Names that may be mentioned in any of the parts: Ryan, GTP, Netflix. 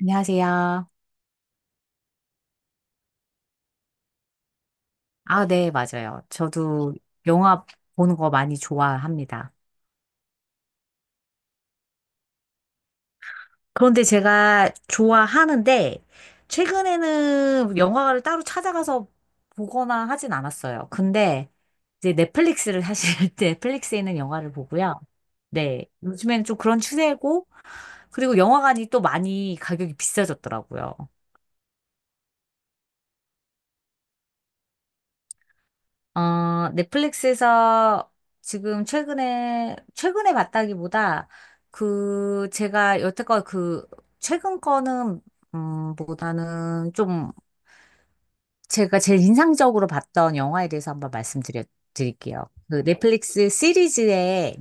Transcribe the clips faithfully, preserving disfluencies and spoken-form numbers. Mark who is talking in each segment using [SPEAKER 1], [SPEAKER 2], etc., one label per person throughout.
[SPEAKER 1] 안녕하세요. 아, 네, 맞아요. 저도 영화 보는 거 많이 좋아합니다. 그런데 제가 좋아하는데, 최근에는 영화를 따로 찾아가서 보거나 하진 않았어요. 근데 이제 넷플릭스를 사실 넷플릭스에 있는 영화를 보고요. 네, 요즘에는 좀 그런 추세고, 그리고 영화관이 또 많이 가격이 비싸졌더라고요. 어, 넷플릭스에서 지금 최근에, 최근에 봤다기보다 그, 제가 여태껏 그, 최근 거는, 음, 보다는 좀 제가 제일 인상적으로 봤던 영화에 대해서 한번 말씀드려 드릴게요. 그 넷플릭스 시리즈에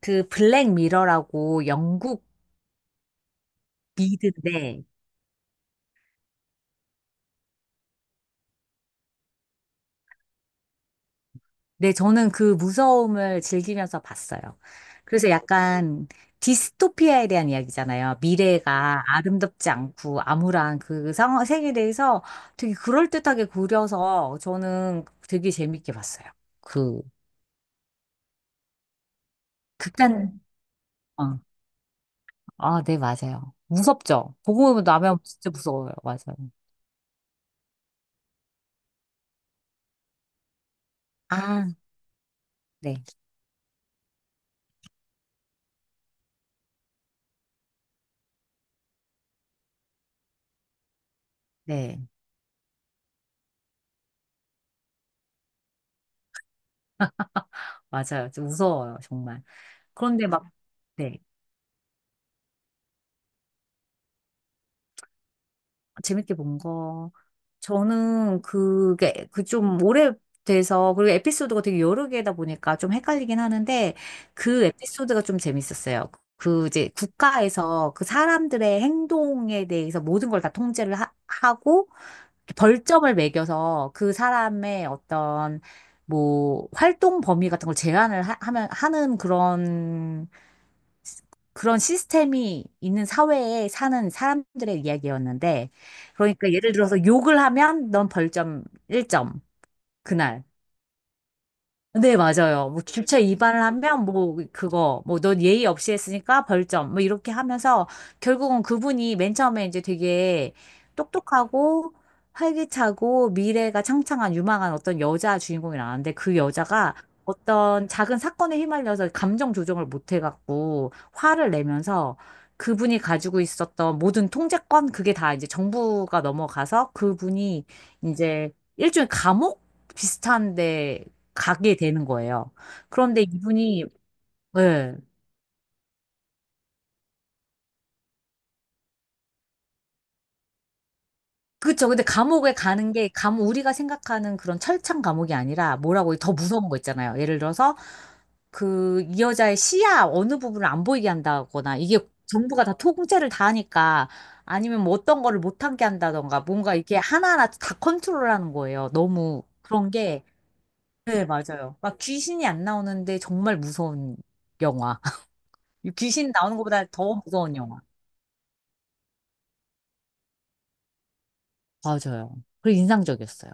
[SPEAKER 1] 그 블랙 미러라고 영국 미드인데 네, 저는 그 무서움을 즐기면서 봤어요. 그래서 약간 디스토피아에 대한 이야기잖아요. 미래가 아름답지 않고 암울한 그 상황, 세계에 대해서 되게 그럴듯하게 그려서 저는 되게 재밌게 봤어요. 그, 극단, 네. 어, 아, 네, 맞아요. 무섭죠? 보고 나면 진짜 무서워요. 맞아요. 아, 네, 네, 맞아요. 좀 무서워요, 정말. 그런데 막, 네. 재밌게 본 거. 저는 그게, 그 좀 오래돼서, 그리고 에피소드가 되게 여러 개다 보니까 좀 헷갈리긴 하는데, 그 에피소드가 좀 재밌었어요. 그 이제 국가에서 그 사람들의 행동에 대해서 모든 걸 다 통제를 하, 하고, 벌점을 매겨서 그 사람의 어떤, 뭐, 활동 범위 같은 걸 제한을 하, 하면, 하는 그런 그런 시스템이 있는 사회에 사는 사람들의 이야기였는데, 그러니까 예를 들어서 욕을 하면 넌 벌점 일 점, 그날. 네, 맞아요. 뭐 주차 위반을 하면 뭐 그거 뭐 넌 예의 없이 했으니까 벌점 뭐 이렇게 하면서 결국은 그분이 맨 처음에 이제 되게 똑똑하고 활기차고 미래가 창창한 유망한 어떤 여자 주인공이 나왔는데 그 여자가 어떤 작은 사건에 휘말려서 감정 조정을 못 해갖고 화를 내면서 그분이 가지고 있었던 모든 통제권 그게 다 이제 정부가 넘어가서 그분이 이제 일종의 감옥 비슷한데 가게 되는 거예요. 그런데 이분이, 예. 그쵸. 근데 감옥에 가는 게, 감, 우리가 생각하는 그런 철창 감옥이 아니라 뭐라고, 더 무서운 거 있잖아요. 예를 들어서, 그, 이 여자의 시야 어느 부분을 안 보이게 한다거나, 이게 정부가 다 통제를 다 하니까, 아니면 뭐 어떤 거를 못하게 한다던가, 뭔가 이게 하나하나 다 컨트롤하는 거예요. 너무 그런 게, 네, 맞아요. 막 귀신이 안 나오는데 정말 무서운 영화. 귀신 나오는 것보다 더 무서운 영화. 맞아요. 그리고 인상적이었어요.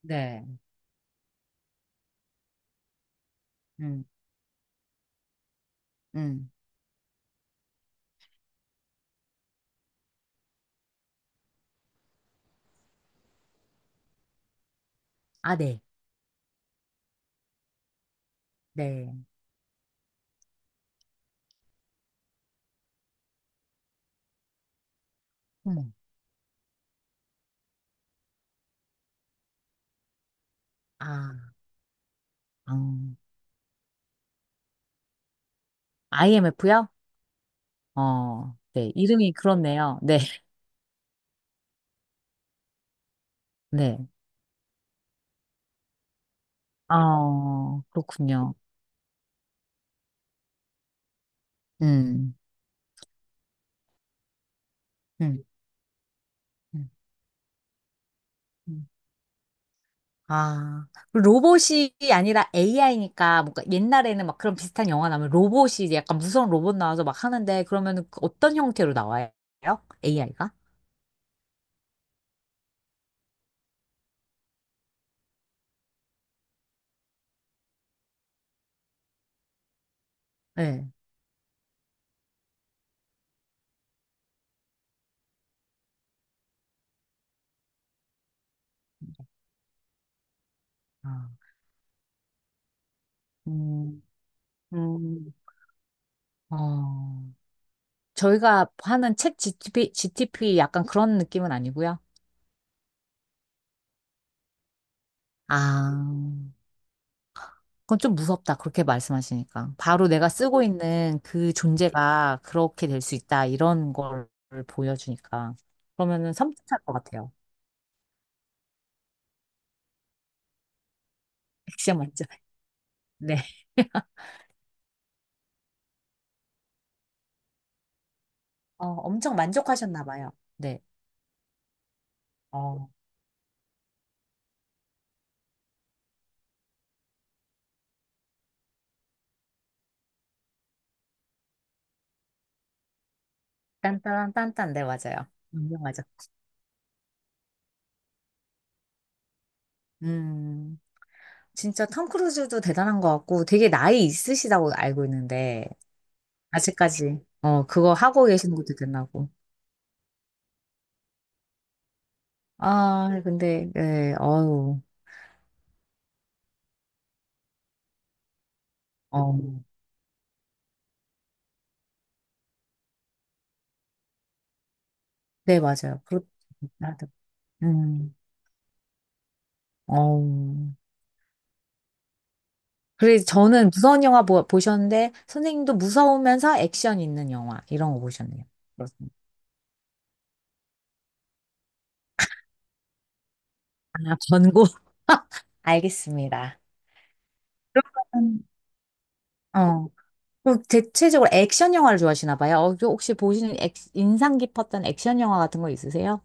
[SPEAKER 1] 네. 음, 음. 아, 네. 네. 어머. 아, 음. 아이엠에프요? 어, 네. 이름이 그렇네요. 네. 네. 어, 그렇군요. 음. 음, 음, 음. 아, 그리고 로봇이 아니라 에이아이니까 뭔가 옛날에는 막 그런 비슷한 영화 나오면 로봇이 이제 약간 무서운 로봇 나와서 막 하는데 그러면 어떤 형태로 나와요? 에이아이가? 네. 아, 음, 음, 어. 저희가 하는 책 지티피, 지티피 약간 그런 느낌은 아니고요. 아, 그건 좀 무섭다. 그렇게 말씀하시니까. 바로 내가 쓰고 있는 그 존재가 그렇게 될 수 있다. 이런 걸 보여주니까. 그러면은 섬뜩할 것 같아요. 액션 맞죠? 네. 어, 엄청 만족하셨나 봐요. 네. 어, 딴딴딴딴. 네, 맞아요. 유명하죠. 음, 진짜 톰 크루즈도 대단한 것 같고 되게 나이 있으시다고 알고 있는데 아직까지. 어, 그거 하고 계시는 것도 대단하고. 아, 근데, 예, 어우, 어. 네, 맞아요. 그렇, 나도. 음, 어우. 그래서 저는 무서운 영화 보, 보셨는데, 선생님도 무서우면서 액션 있는 영화, 이런 거 보셨네요. 그렇습니다. 아, 권고. 알겠습니다. 음. 어. 그럼 대체적으로 액션 영화를 좋아하시나 봐요. 어, 저 혹시 보시는 액, 인상 깊었던 액션 영화 같은 거 있으세요?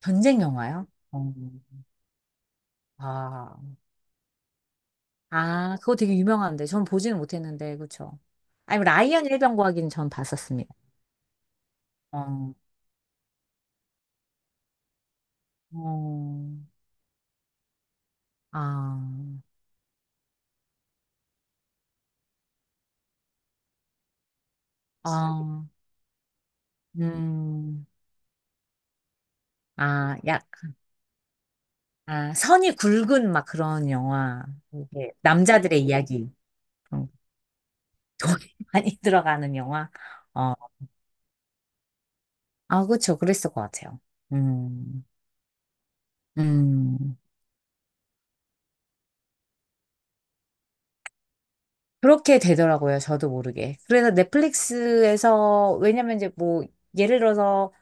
[SPEAKER 1] 전쟁 영화요? 어. 아. 아, 그거 되게 유명한데. 전 보지는 못했는데, 그쵸? 아니, 라이언 일병과학는전 봤었습니다. 어, 어, 아, 아, 음, 아, 약, 아, 선이 굵은 막 그런 영화. 이게 남자들의 이야기. 그런 거. 돈이 많이 들어가는 영화. 어, 아, 그쵸. 그랬을 것 같아요. 음, 음. 그렇게 되더라고요. 저도 모르게. 그래서 넷플릭스에서, 왜냐면 이제 뭐, 예를 들어서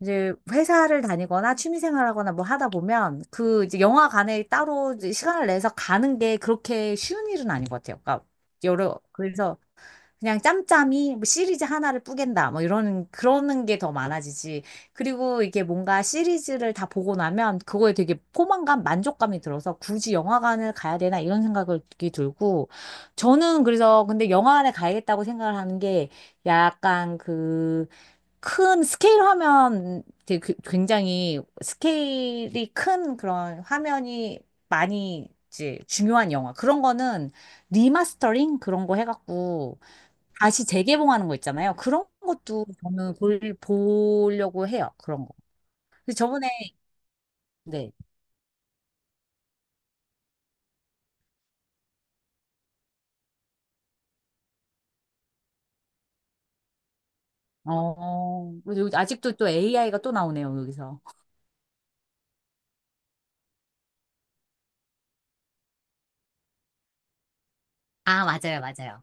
[SPEAKER 1] 이제 회사를 다니거나 취미생활하거나 뭐 하다 보면 그 이제 영화관에 따로 이제 시간을 내서 가는 게 그렇게 쉬운 일은 아닌 것 같아요. 그러니까 여러 그래서 그냥 짬짬이 뭐 시리즈 하나를 뿌갠다 뭐 이런 그러는 게 더 많아지지. 그리고 이게 뭔가 시리즈를 다 보고 나면 그거에 되게 포만감, 만족감이 들어서 굳이 영화관을 가야 되나 이런 생각이 들고 저는 그래서 근데 영화관에 가야겠다고 생각을 하는 게 약간 그 큰 스케일 화면 되게 괴- 굉장히 스케일이 큰 그런 화면이 많이 이제 중요한 영화 그런 거는 리마스터링 그런 거 해갖고 다시 재개봉하는 거 있잖아요. 그런 것도 저는 볼, 보려고 해요. 그런 거. 근데 저번에 네. 어, 그리고 아직도 또 에이아이가 또 나오네요, 여기서. 아, 맞아요, 맞아요.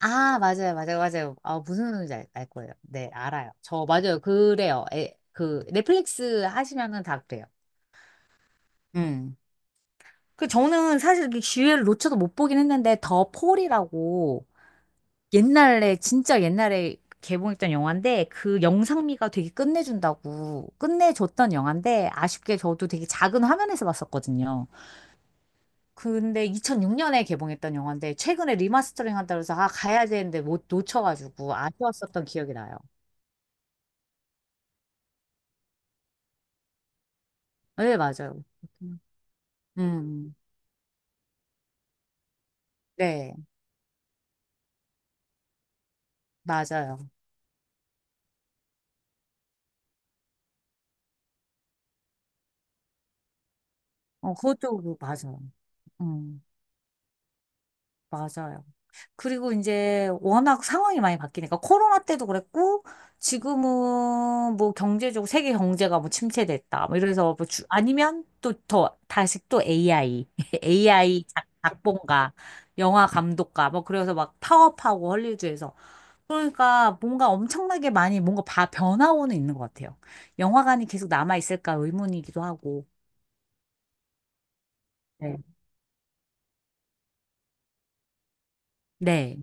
[SPEAKER 1] 아, 맞아요, 맞아요, 맞아요. 아, 무슨 소리인지 알, 알 거예요. 네, 알아요. 저, 맞아요. 그래요. 에, 그, 넷플릭스 하시면은 다 그래요. 음. 그 저는 사실 그 기회를 놓쳐도 못 보긴 했는데 더 폴이라고 옛날에 진짜 옛날에 개봉했던 영화인데 그 영상미가 되게 끝내준다고 끝내줬던 영화인데 아쉽게 저도 되게 작은 화면에서 봤었거든요. 근데 이천육 년에 개봉했던 영화인데 최근에 리마스터링 한다고 해서 아 가야 되는데 못 놓쳐가지고 아쉬웠었던 기억이 나요. 네, 맞아요. 음, 네, 맞아요. 어, 그것도 그- 맞아요. 음, 맞아요. 그리고 이제 워낙 상황이 많이 바뀌니까 코로나 때도 그랬고 지금은 뭐 경제적으로 세계 경제가 뭐 침체됐다. 뭐 이래서 뭐 주, 아니면 또 더 다시 또 에이아이, 에이아이 작- 작본가, 영화 감독가 뭐 그래서 막 파업하고 헐리우드에서 그러니까 뭔가 엄청나게 많이 뭔가 바, 변화오는 있는 것 같아요. 영화관이 계속 남아있을까 의문이기도 하고. 네. 네,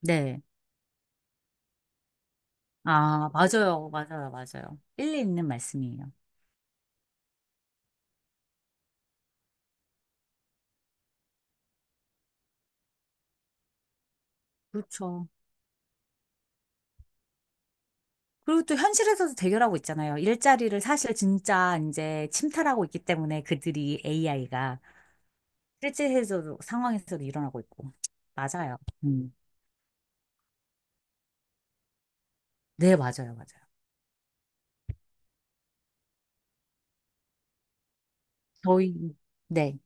[SPEAKER 1] 네. 아, 맞아요. 맞아요. 맞아요. 일리 있는 말씀이에요. 그렇죠. 그리고 또 현실에서도 대결하고 있잖아요. 일자리를 사실 진짜 이제 침탈하고 있기 때문에 그들이 에이아이가 실제에서도 상황에서도 일어나고 있고. 맞아요. 음. 네, 맞아요. 맞아요. 저희, 네.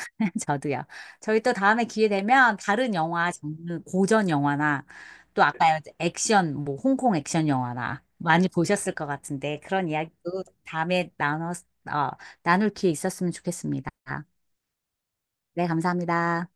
[SPEAKER 1] 저도요. 저희 또 다음에 기회 되면 다른 영화 장르, 고전 영화나 또 아까 액션, 뭐 홍콩 액션 영화나 많이 보셨을 것 같은데 그런 이야기도 다음에 나눠, 어, 나눌 기회 있었으면 좋겠습니다. 네, 감사합니다.